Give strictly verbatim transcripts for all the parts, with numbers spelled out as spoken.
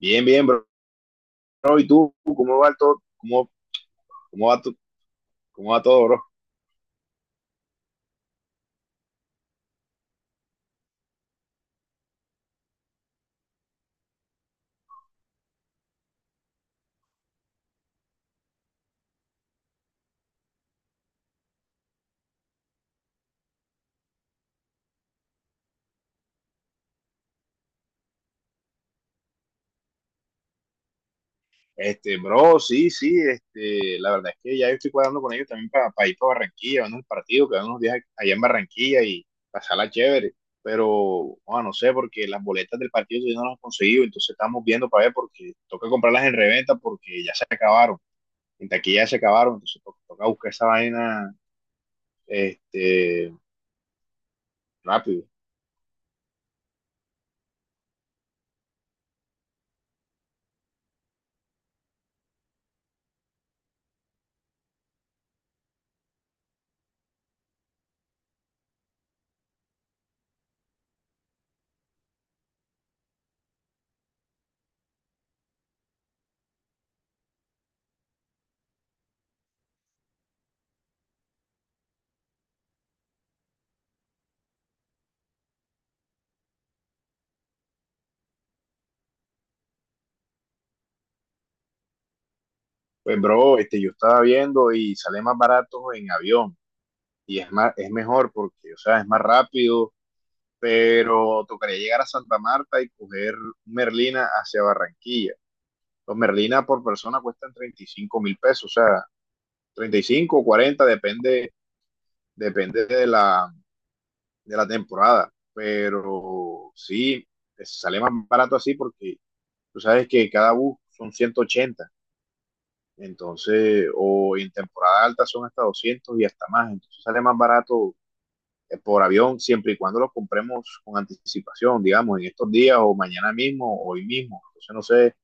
Bien, bien, bro. ¿Y tú? ¿Cómo va todo? ¿Cómo, cómo va, tu- cómo va todo, bro? Este, bro, sí, sí, este, la verdad es que ya yo estoy cuadrando con ellos también para, ir para Barranquilla, vernos el partido, quedarnos unos días allá en Barranquilla y pasarla chévere. Pero, bueno, no sé, porque las boletas del partido todavía no las he conseguido, entonces estamos viendo para ver porque toca comprarlas en reventa porque ya se acabaron, en taquilla ya se acabaron, entonces to- toca buscar esa vaina, este, rápido. Pues, bro, este, yo estaba viendo y sale más barato en avión. Y es más, es mejor porque, o sea, es más rápido, pero tocaría llegar a Santa Marta y coger Merlina hacia Barranquilla. Los Merlina por persona cuestan treinta y cinco mil pesos, o sea, treinta y cinco o cuarenta, depende, depende de la, de la temporada. Pero sí, es- sale más barato así porque tú sabes que cada bus son ciento ochenta, entonces, o en temporada alta son hasta doscientos y hasta más, entonces sale más barato eh, por avión, siempre y cuando los compremos con anticipación, digamos, en estos días o mañana mismo o hoy mismo. Entonces, no sé,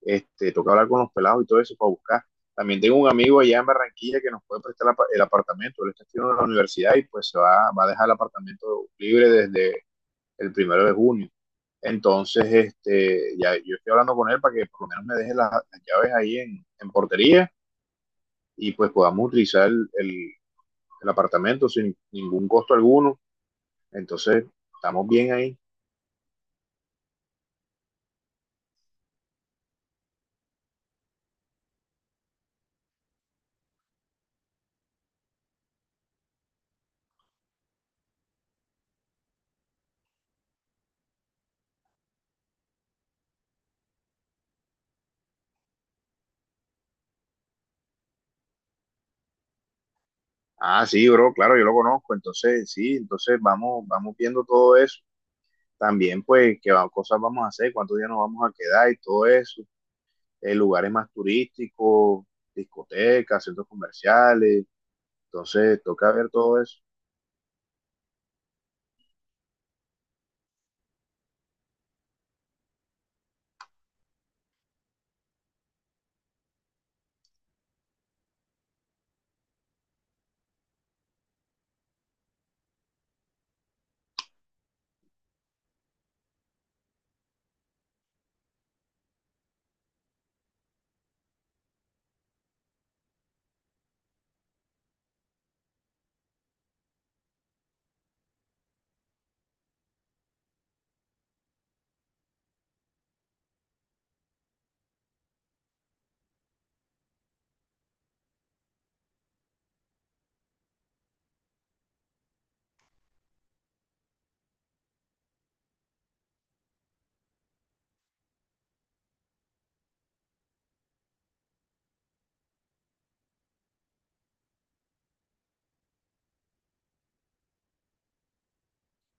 este, toca hablar con los pelados y todo eso para buscar. También tengo un amigo allá en Barranquilla que nos puede prestar el apartamento. Él está estudiando en la universidad y pues se va, va a dejar el apartamento libre desde el primero de junio. Entonces, este, ya yo estoy hablando con él para que por lo menos me deje las, las llaves ahí en, en, portería y pues podamos utilizar el, el, el apartamento sin ningún costo alguno. Entonces, estamos bien ahí. Ah, sí, bro, claro, yo lo conozco. Entonces, sí, entonces vamos, vamos viendo todo eso. También, pues, qué va- cosas vamos a hacer, cuántos días nos vamos a quedar y todo eso. Eh, lugares más turísticos, discotecas, centros comerciales. Entonces, toca ver todo eso.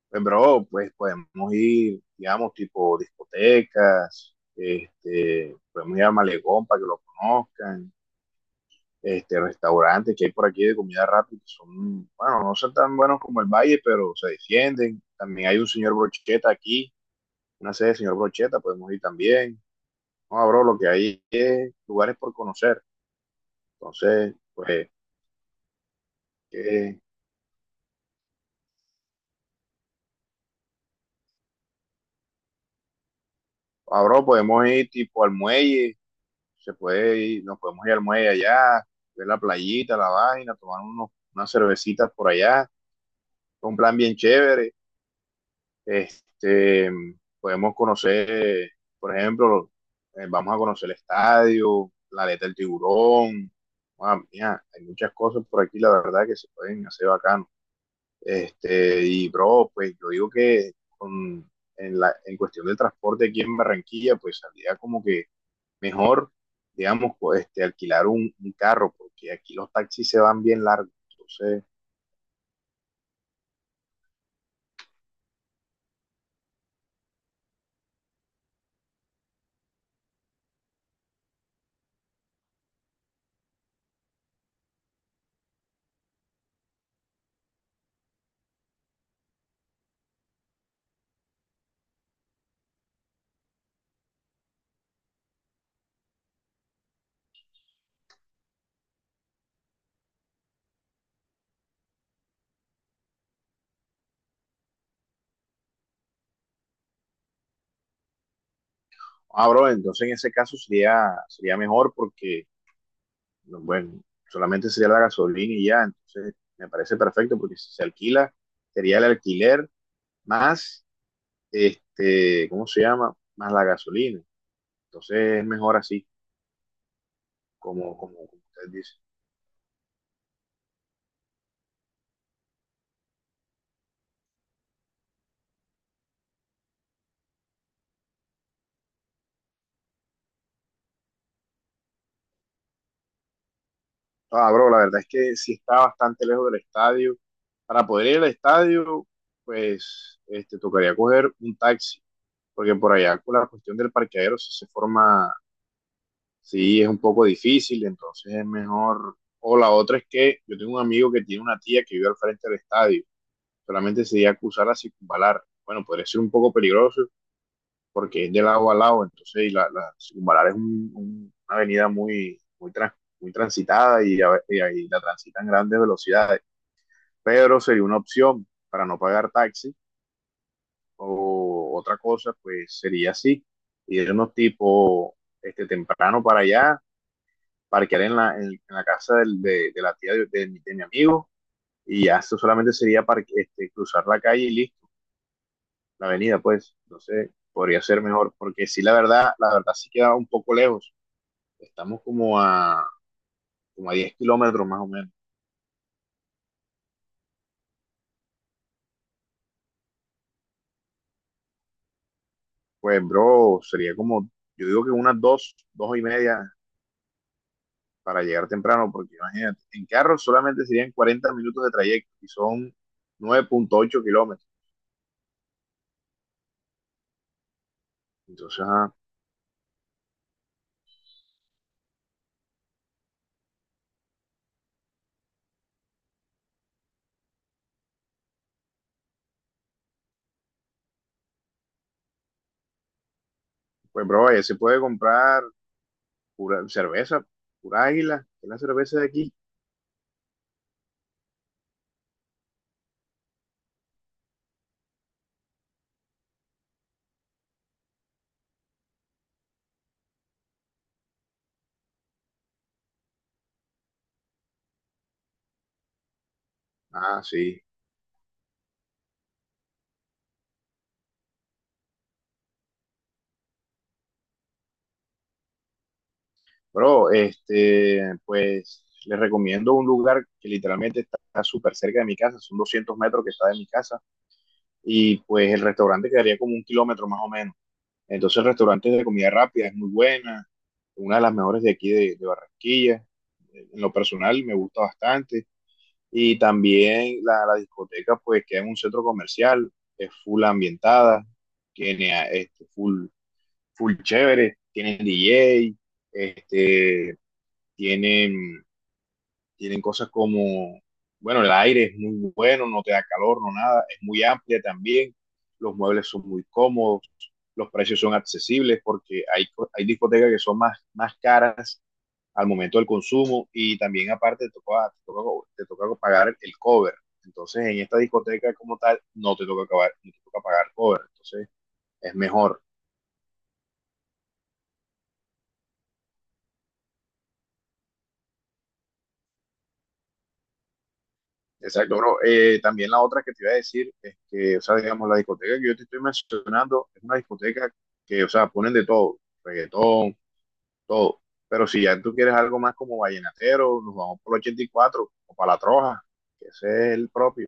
Pues, bro, pues podemos ir, digamos, tipo discotecas, este, podemos ir a Malecón para que lo conozcan. Este, restaurantes que hay por aquí de comida rápida, que son, bueno, no son tan buenos como el Valle, pero se defienden. También hay un señor Brocheta aquí, una sede de señor Brocheta, podemos ir también. No, abro lo que hay es lugares por conocer. Entonces, pues, eh, que, abro, podemos ir tipo al muelle, se puede ir, nos podemos ir al muelle allá, ver la playita, la vaina, tomar unos, unas cervecitas por allá. Un plan bien chévere. Este, podemos conocer, por ejemplo, eh, vamos a conocer el estadio, la aleta del tiburón. Ah, mira, hay muchas cosas por aquí, la verdad, que se pueden hacer bacano. Este, y bro, pues yo digo que con, en, la, en cuestión del transporte aquí en Barranquilla, pues saldría como que mejor, digamos, pues, este, alquilar un, un carro, porque aquí los taxis se van bien largos. Entonces, ah, bro, entonces en ese caso sería, sería mejor porque no, bueno, solamente sería la gasolina y ya, entonces me parece perfecto porque si se alquila, sería el alquiler más, este, ¿cómo se llama? Más la gasolina. Entonces es mejor así, como, como, como usted dice. Ah, bro, la verdad es que sí está bastante lejos del estadio. Para poder ir al estadio, pues, este, tocaría coger un taxi, porque por allá con la cuestión del parqueadero sí se forma. Sí, es un poco difícil, entonces es mejor. O la otra es que yo tengo un amigo que tiene una tía que vive al frente del estadio, solamente se iba a cruzar a circunvalar. Bueno, podría ser un poco peligroso porque es de lado a lado, entonces y la, la circunvalar es un- un- una avenida muy, muy, trans- muy transitada y, a ve- y ahí la transitan grandes velocidades. Pero sería una opción para no pagar taxi o otra cosa, pues sería así, irnos tipo este, temprano para allá parquear en la, en, en la casa del- de, de la tía de, de mi de mi amigo y ya eso solamente sería parque- este, cruzar la calle y listo, la avenida, pues. Entonces, podría ser mejor, porque sí, la verdad, la verdad sí queda un poco lejos. Estamos como a, como a diez kilómetros más o menos. Pues, bro, sería como, yo digo que unas dos, dos y media para llegar temprano, porque imagínate, en carro solamente serían cuarenta minutos de trayecto y son nueve punto ocho kilómetros. Entonces, ajá, pues, bro, ya se puede comprar. Pura cerveza, pura águila, es la cerveza de aquí. Ah, sí. Bro, este, pues les recomiendo un lugar que literalmente está súper cerca de mi casa, son doscientos metros que está de mi casa, y pues el restaurante quedaría como un kilómetro más o menos. Entonces el restaurante es de comida rápida, es muy buena, una de las mejores de aquí de, de Barranquilla. En lo personal me gusta bastante. Y también la, la discoteca, pues queda en un centro comercial, es full ambientada, tiene ah, este, full full chévere, tienen D J, este, tienen, tienen cosas como, bueno, el aire es muy bueno, no te da calor, no nada, es muy amplia también, los muebles son muy cómodos, los precios son accesibles porque hay, co- hay discotecas que son más, más caras al momento del consumo y también aparte te toca, te toca, co- te toca pagar el cover. Entonces en esta discoteca como tal no te toca, acabar, no te toca pagar cover, entonces es mejor. Exacto, bro. Eh, también la otra que te iba a decir es que, o sea, digamos, la discoteca que yo te estoy mencionando es una discoteca que, o sea, ponen de todo, reggaetón, todo. Pero si ya tú quieres algo más como vallenatero, nos vamos por el ochenta y cuatro o para la Troja, que ese es el propio.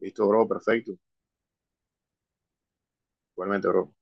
Listo, bro, perfecto. Igualmente, bro.